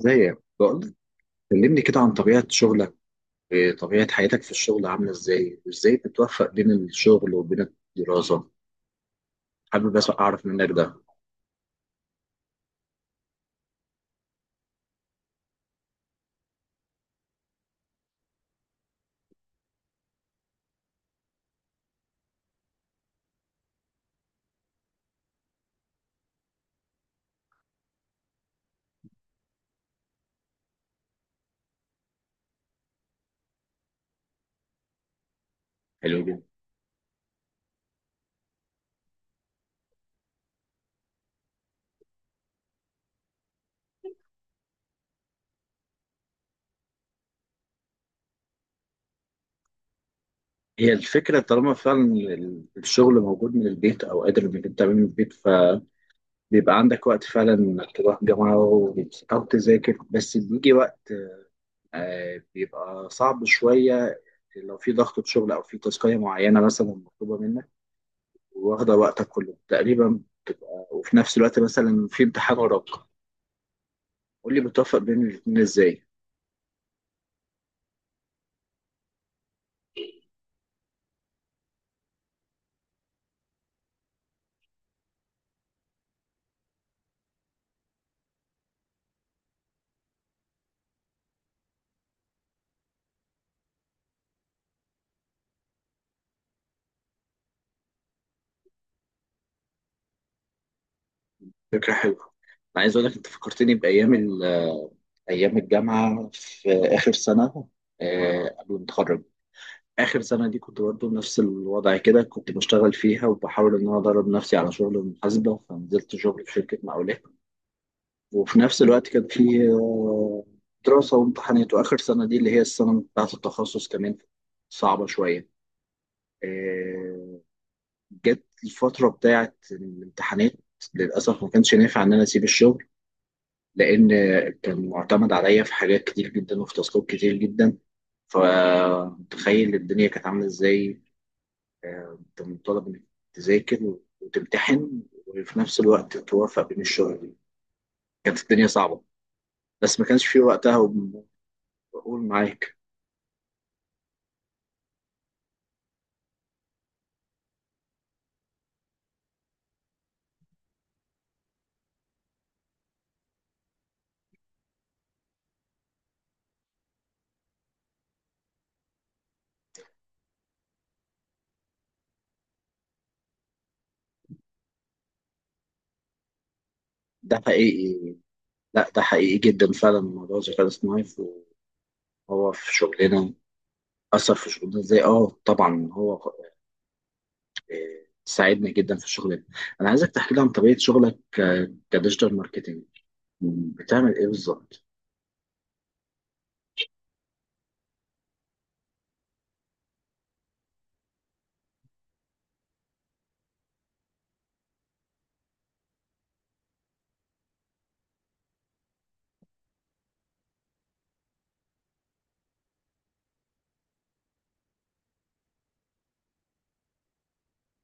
ازاي بقول؟ كلمني كده عن طبيعة شغلك، طبيعة حياتك في الشغل عاملة ازاي، وازاي بتوفق بين الشغل وبين الدراسة. حابب بس اعرف منك ده. حلو جدا. هي الفكرة طالما فعلا الشغل موجود من البيت او قادر انك انت تعمله من البيت، فبيبقى عندك وقت فعلا انك تروح جامعة او تذاكر. بس بيجي وقت بيبقى صعب شوية لو في ضغط شغل او في تاسكية معينة مثلا مطلوبة منك، واخدة وقتك كله تقريبا بتبقى، وفي نفس الوقت مثلا في امتحان وراك. قول لي بتوفق بين الاتنين ازاي؟ فكرة حلوة. انا عايز اقول لك انت فكرتني بايام ايام الجامعة في اخر سنة، قبل ما اتخرج. اخر سنة دي كنت برضه نفس الوضع كده، كنت بشتغل فيها وبحاول ان انا ادرب نفسي على شغل المحاسبة، فنزلت شغل في شركة مقاولات وفي نفس الوقت كان في دراسة وامتحانات، واخر سنة دي اللي هي السنة بتاعة التخصص كمان صعبة شوية. آه، جت الفترة بتاعت الامتحانات، للأسف ما كانش نافع إن أنا أسيب الشغل، لأن كان معتمد عليا في حاجات كتير جدا وفي تاسكات كتير جدا. فتخيل الدنيا كانت عاملة إزاي. أنت مطالب إنك تذاكر وتمتحن وفي نفس الوقت توافق بين الشغل. كانت الدنيا صعبة، بس ما كانش في وقتها بقول معاك. ده حقيقي. لا، ده حقيقي جدا. فعلا موضوع الذكاء الاصطناعي هو في شغلنا أثر في شغلنا إزاي؟ آه، طبعا هو ساعدني جدا في الشغل ده. انا عايزك تحكي لي عن طبيعه شغلك كديجيتال ماركتنج، بتعمل ايه بالظبط؟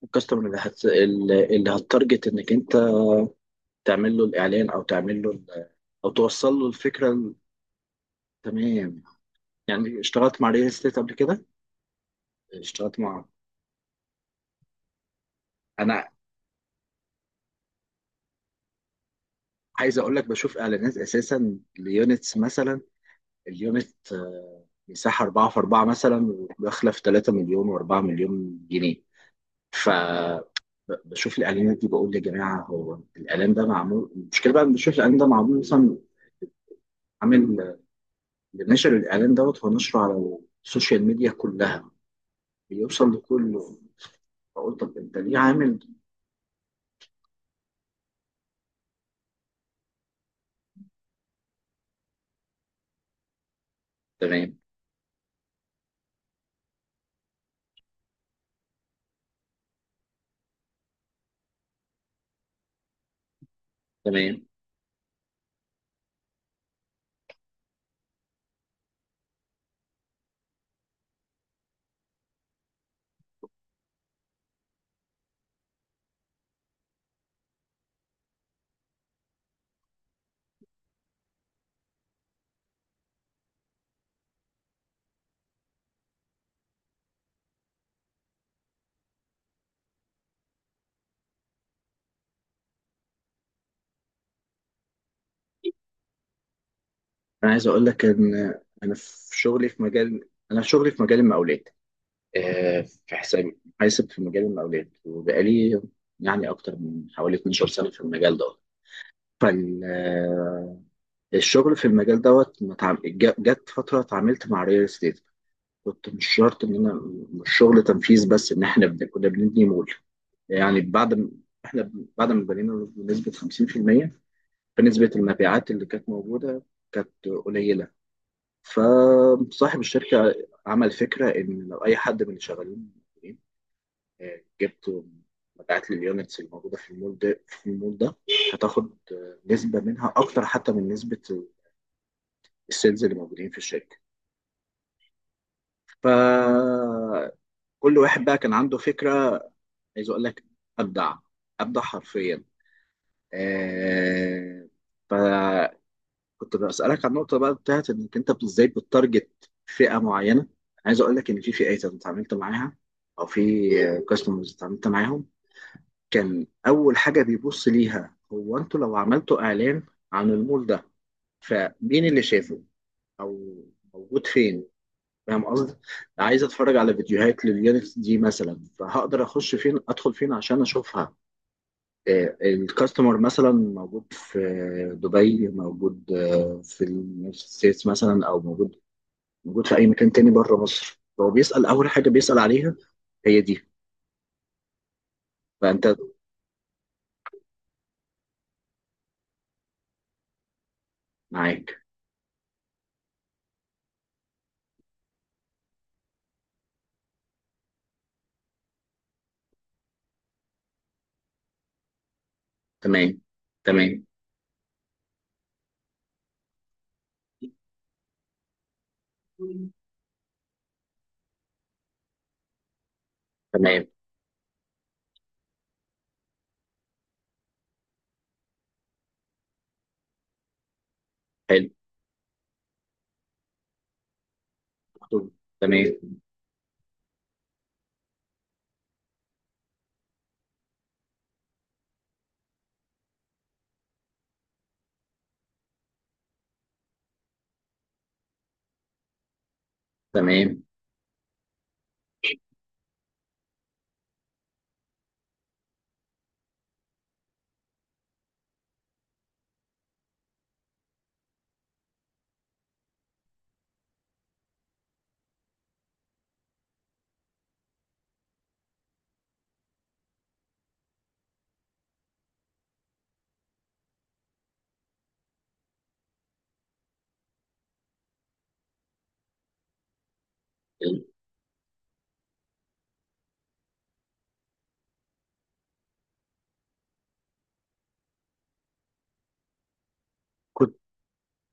الكاستمر اللي هتارجت انك انت تعمل له الاعلان او تعمل له او توصل له الفكره. تمام. يعني اشتغلت مع ريل استيت قبل كده، اشتغلت مع، انا عايز اقول لك بشوف اعلانات اساسا ليونتس مثلا، اليونت مساحه 4 في 4 مثلا، وداخله في 3 مليون و4 مليون جنيه. ف بشوف الاعلانات دي بقول يا جماعه هو الاعلان ده معمول، المشكله بقى إن بشوف الاعلان ده معمول مثلا عامل، اللي نشر الاعلان دوت هو نشره على السوشيال ميديا كلها، بيوصل لكله. بقول طب انت ليه عامل؟ تمام، تمام. انا عايز اقول لك ان انا في شغلي في مجال، انا في شغلي في مجال المقاولات، في حساب، حاسب في مجال المقاولات، وبقالي يعني اكتر من حوالي 12 سنه في المجال دوت. فال الشغل في المجال دوت ما اتعام- جا- جت فتره اتعاملت مع ريال استيت. كنت مش شرط ان انا مش شغل تنفيذ بس، ان احنا كنا بنبني مول. يعني بعد ما احنا بعد ما بنينا بنسبه 50%، فنسبه المبيعات اللي كانت موجوده كانت قليله. فصاحب الشركه عمل فكره ان لو اي حد من اللي شغالين جبت مبيعات لليونتس اللي موجوده في المول ده، هتاخد نسبه منها اكتر حتى من نسبه السيلز اللي موجودين في الشركه. فكل واحد بقى كان عنده فكرة. عايز أقول لك، أبدع، أبدع حرفيا. آه، فكنت بسألك عن النقطة بقى بتاعت إنك أنت إزاي بتتارجت فئة معينة. عايز أقول لك إن في فئات أنا اتعاملت معاها، أو في كاستمرز اتعاملت معاهم، كان أول حاجة بيبص ليها هو أنتوا لو عملتوا إعلان عن المول ده، فمين اللي شافه؟ أو موجود فين؟ فاهم قصدي؟ عايز اتفرج على فيديوهات لليونتس دي مثلا، فهقدر اخش فين، ادخل فين عشان اشوفها؟ الكاستمر مثلا موجود في دبي، موجود في اليونايتد ستيتس مثلا، او موجود، موجود في اي مكان تاني بره مصر، هو بيسأل اول حاجة بيسأل عليها هي دي. فانت معاك. تمام، تمام، تمام. حلو. مكتوب. تمام، تمام. حلو.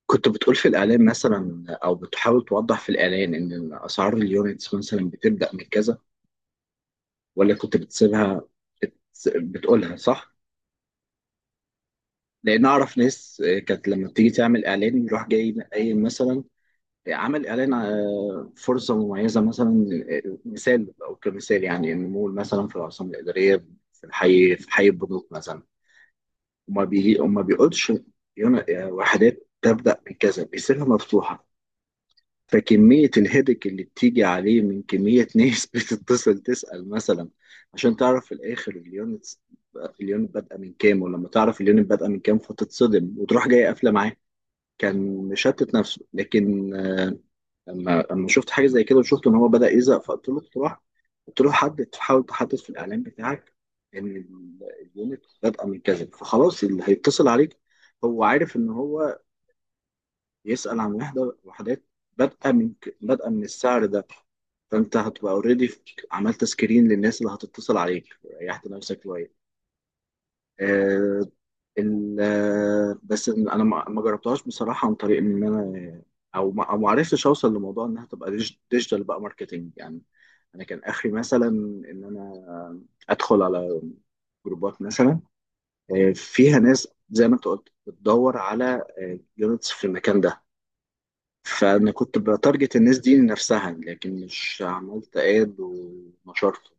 كنت بتقول في الإعلان مثلا أو بتحاول توضح في الإعلان إن أسعار اليونتس مثلا بتبدأ من كذا، ولا كنت بتسيبها بت- بتقولها؟ صح؟ لأن أعرف ناس كانت لما بتيجي تعمل إعلان يروح جاي قايل مثلا، عمل إعلان فرصة مميزة مثلا، مثال أو كمثال يعني، إن مول مثلا في العاصمة الإدارية في الحي، في حي البنوك مثلا، وما بيجي وما بيقولش وحدات تبدأ من كذا، بيسيبها مفتوحة. فكمية الهيدك اللي بتيجي عليه من كمية ناس بتتصل تسأل مثلا عشان تعرف في الآخر اليونت، اليونت بادئة من كام. ولما تعرف اليونت بادئة من كام فتتصدم وتروح جاي قافلة معاه. كان مشتت نفسه، لكن لما شفت حاجة زي كده وشفت إن هو بدأ يزهق، فقلت له تروح، قلت له حدد، حاول تحدد في الإعلان بتاعك إن اليونت بادئة من كذا، فخلاص اللي هيتصل عليك هو عارف إن هو يسأل عن وحدة، وحدات بادئة بادئة من السعر ده. فانت هتبقى اوريدي عملت سكرين للناس اللي هتتصل عليك، ريحت نفسك شويه. آه، بس انا ما جربتهاش بصراحه، عن طريق ان انا، او ما عرفتش اوصل لموضوع انها تبقى ديجيتال بقى ماركتنج يعني. انا كان اخري مثلا ان انا ادخل على جروبات مثلا فيها ناس زي ما انت قلت بتدور على جيمتس في المكان ده، فانا كنت بتارجت الناس دي لنفسها، لكن مش عملت اد ونشرته.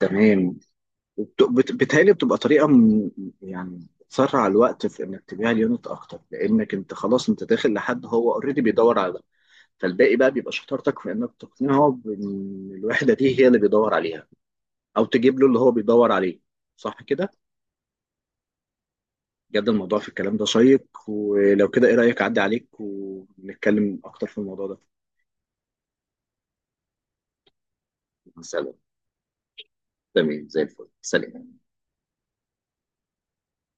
تمام. بتهيألي بتبقى طريقه يعني تسرع الوقت في انك تبيع اليونت اكتر، لانك انت خلاص انت داخل لحد هو اوريدي بيدور على ده. فالباقي بقى بيبقى شطارتك في انك تقنعه بان الوحده دي هي اللي بيدور عليها، او تجيب له اللي هو بيدور عليه. صح كده؟ بجد الموضوع في الكلام ده شيق، ولو كده ايه رايك اعدي عليك ونتكلم اكتر في الموضوع ده؟ سلام. تمام، زي الفل. سلام.